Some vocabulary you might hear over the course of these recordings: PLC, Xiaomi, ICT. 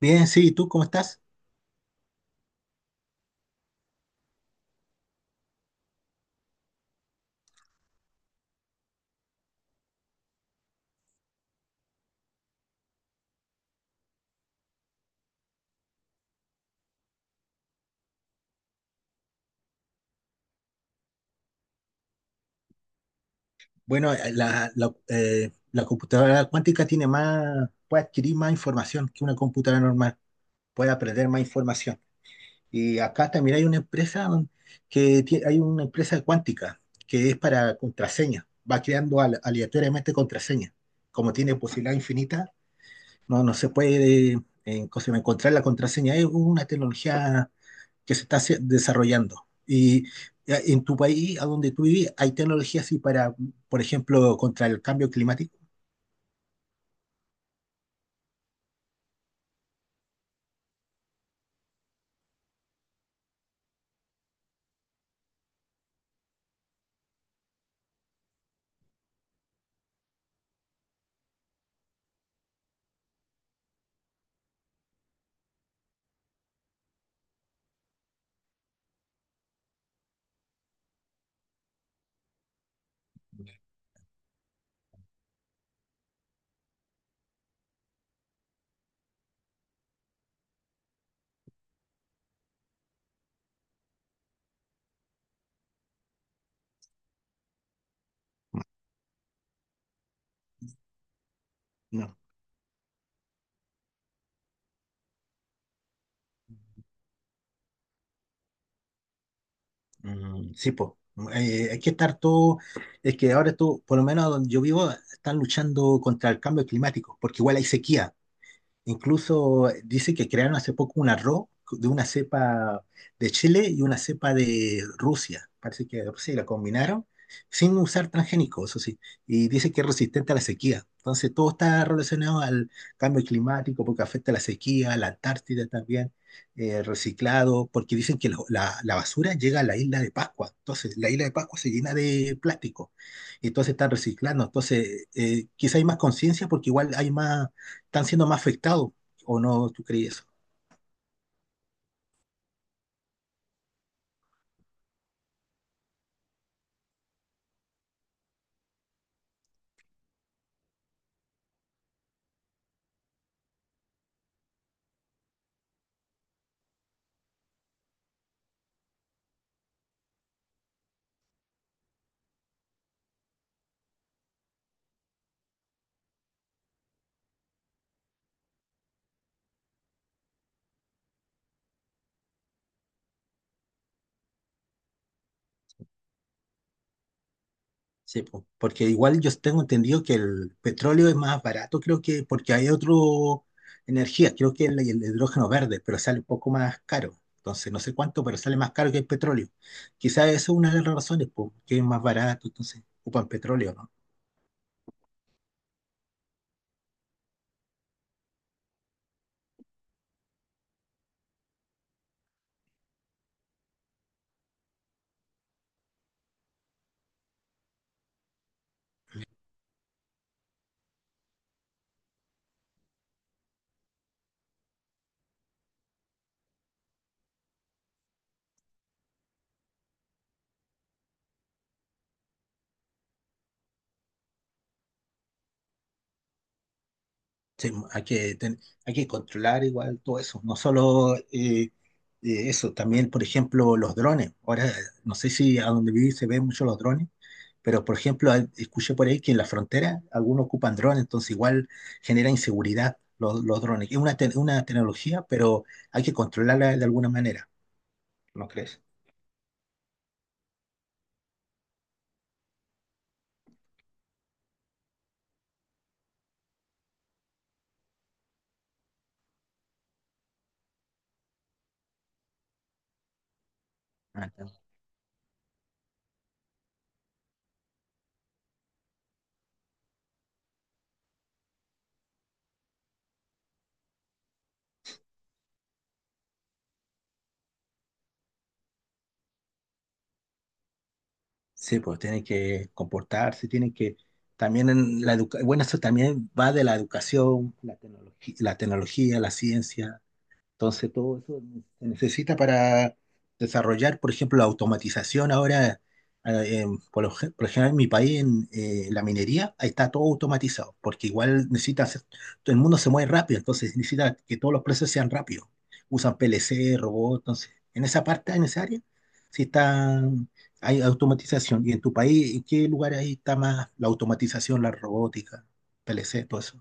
Bien, sí, ¿y tú cómo estás? Bueno, la computadora cuántica tiene más, puede adquirir más información que una computadora normal, puede aprender más información. Y acá también hay una empresa don- que tie- hay una empresa cuántica que es para contraseña, va creando aleatoriamente contraseña. Como tiene posibilidad infinita, no se puede en- encontrar la contraseña. Es una tecnología que se está desarrollando. Y en tu país, a donde tú vivís, ¿hay tecnología así para, por ejemplo, contra el cambio climático? No. Mm, sí, pues, hay que estar todo, es que ahora tú, por lo menos donde yo vivo, están luchando contra el cambio climático, porque igual hay sequía. Incluso dice que crearon hace poco un arroz de una cepa de Chile y una cepa de Rusia. Parece que pues sí, la combinaron sin usar transgénicos, eso sí. Y dice que es resistente a la sequía. Entonces todo está relacionado al cambio climático porque afecta a la sequía, la Antártida también, reciclado, porque dicen que la basura llega a la isla de Pascua. Entonces la isla de Pascua se llena de plástico. Y entonces están reciclando. Entonces quizá hay más conciencia porque igual hay más, están siendo más afectados, ¿o no tú crees eso? Sí, po, porque igual yo tengo entendido que el petróleo es más barato, creo que porque hay otro energía, creo que el hidrógeno verde, pero sale un poco más caro. Entonces, no sé cuánto, pero sale más caro que el petróleo. Quizás esa es una de las razones, po, que es más barato, entonces ocupan petróleo, ¿no? Sí, hay que controlar igual todo eso, no solo eso, también, por ejemplo, los drones. Ahora, no sé si a donde viví se ven mucho los drones, pero por ejemplo, escuché por ahí que en la frontera algunos ocupan drones, entonces igual genera inseguridad los drones. Es una tecnología, pero hay que controlarla de alguna manera, ¿no crees? Ah, está. Sí, pues tienen que comportarse, tienen que también en la bueno, eso también va de la educación, la tecnología, la ciencia. Entonces, todo eso se necesita para desarrollar, por ejemplo, la automatización. Ahora, por lo, por lo general, en mi país, en la minería, ahí está todo automatizado, porque igual necesita hacer, todo el mundo se mueve rápido, entonces necesita que todos los procesos sean rápidos. Usan PLC, robots, entonces, en esa parte, en esa área, sí está, hay automatización. ¿Y en tu país, en qué lugar ahí está más la automatización, la robótica, PLC, todo eso?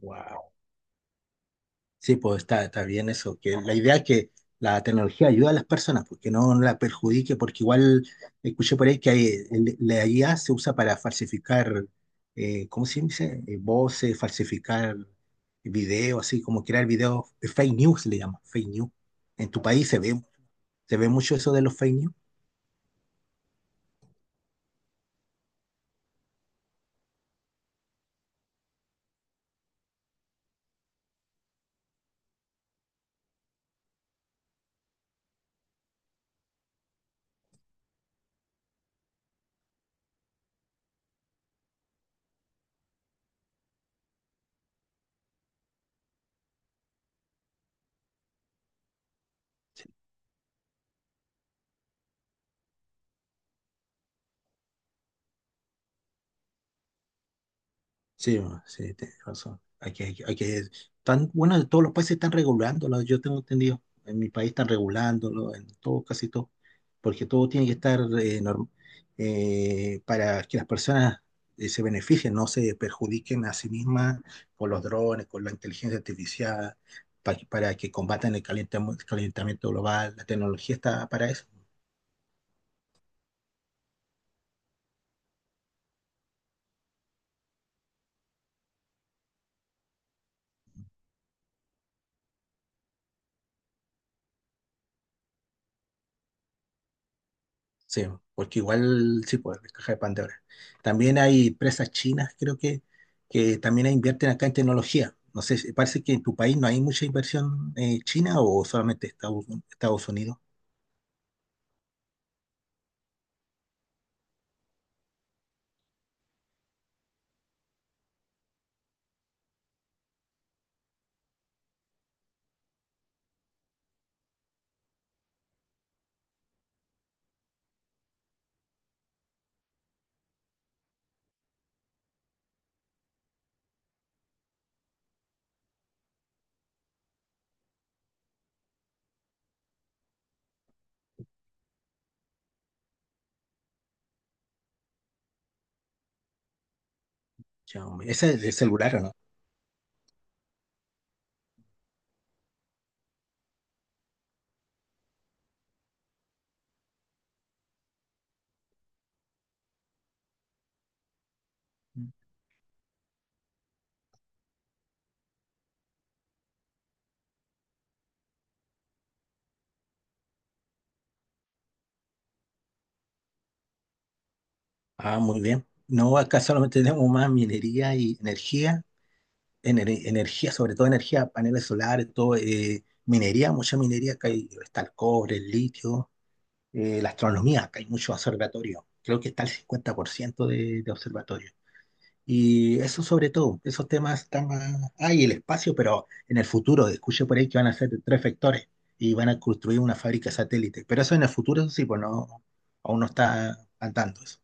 Wow. Sí, pues está, está bien eso, que la idea es que la tecnología ayuda a las personas, porque no, no la perjudique, porque igual escuché por ahí que la IA se usa para falsificar, ¿cómo se dice? Voces, falsificar videos, así como crear videos, fake news le llaman, fake news. ¿En tu país se ve mucho eso de los fake news? Sí, bueno, sí, tienes razón. Bueno, en todos los países están regulándolo, yo tengo entendido. En mi país están regulándolo, en todo, casi todo. Porque todo tiene que estar para que las personas se beneficien, no se perjudiquen a sí mismas con los drones, con la inteligencia artificial, para que combatan el calentamiento global. La tecnología está para eso. Sí, porque igual sí, pues, la caja de Pandora. También hay empresas chinas, creo que también invierten acá en tecnología. No sé, si- parece que en tu país no hay mucha inversión china o solamente Estados Unidos. Xiaomi. Ese es de celular, ¿o no? Ah, muy bien. No, acá solamente tenemos más minería y energía, energía, sobre todo energía, paneles solares, todo, minería, mucha minería, está el cobre, el litio, la astronomía, acá hay muchos observatorios, creo que está el 50% de observatorios. Y eso sobre todo, esos temas están más... Hay el espacio, pero en el futuro, escuché por ahí que van a ser tres vectores y van a construir una fábrica satélite. Pero eso en el futuro, eso sí, pues no, aún no está andando eso.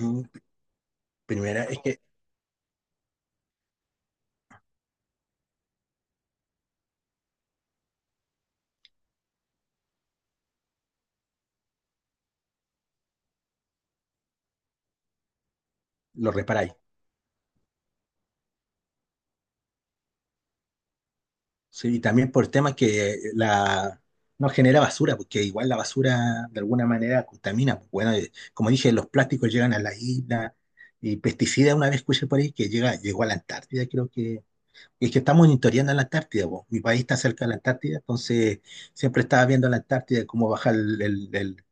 Mm, primera es que lo reparáis. Sí, y también por temas que la, no genera basura, porque igual la basura de alguna manera contamina, pues. Bueno, como dije, los plásticos llegan a la isla y pesticidas, una vez escuché por ahí que llegó a la Antártida, creo que. Es que estamos monitoreando a la Antártida, po. Mi país está cerca de la Antártida, entonces siempre estaba viendo a la Antártida cómo bajar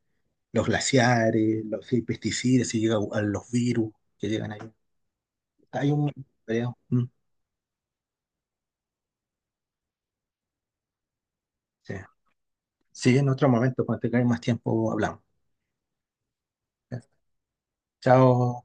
los glaciares, los si hay pesticidas, si llegan a los virus que llegan ahí. Hay un, creo. Mm, sí. Sí, en otro momento, cuando tengáis más tiempo, hablamos. Chao.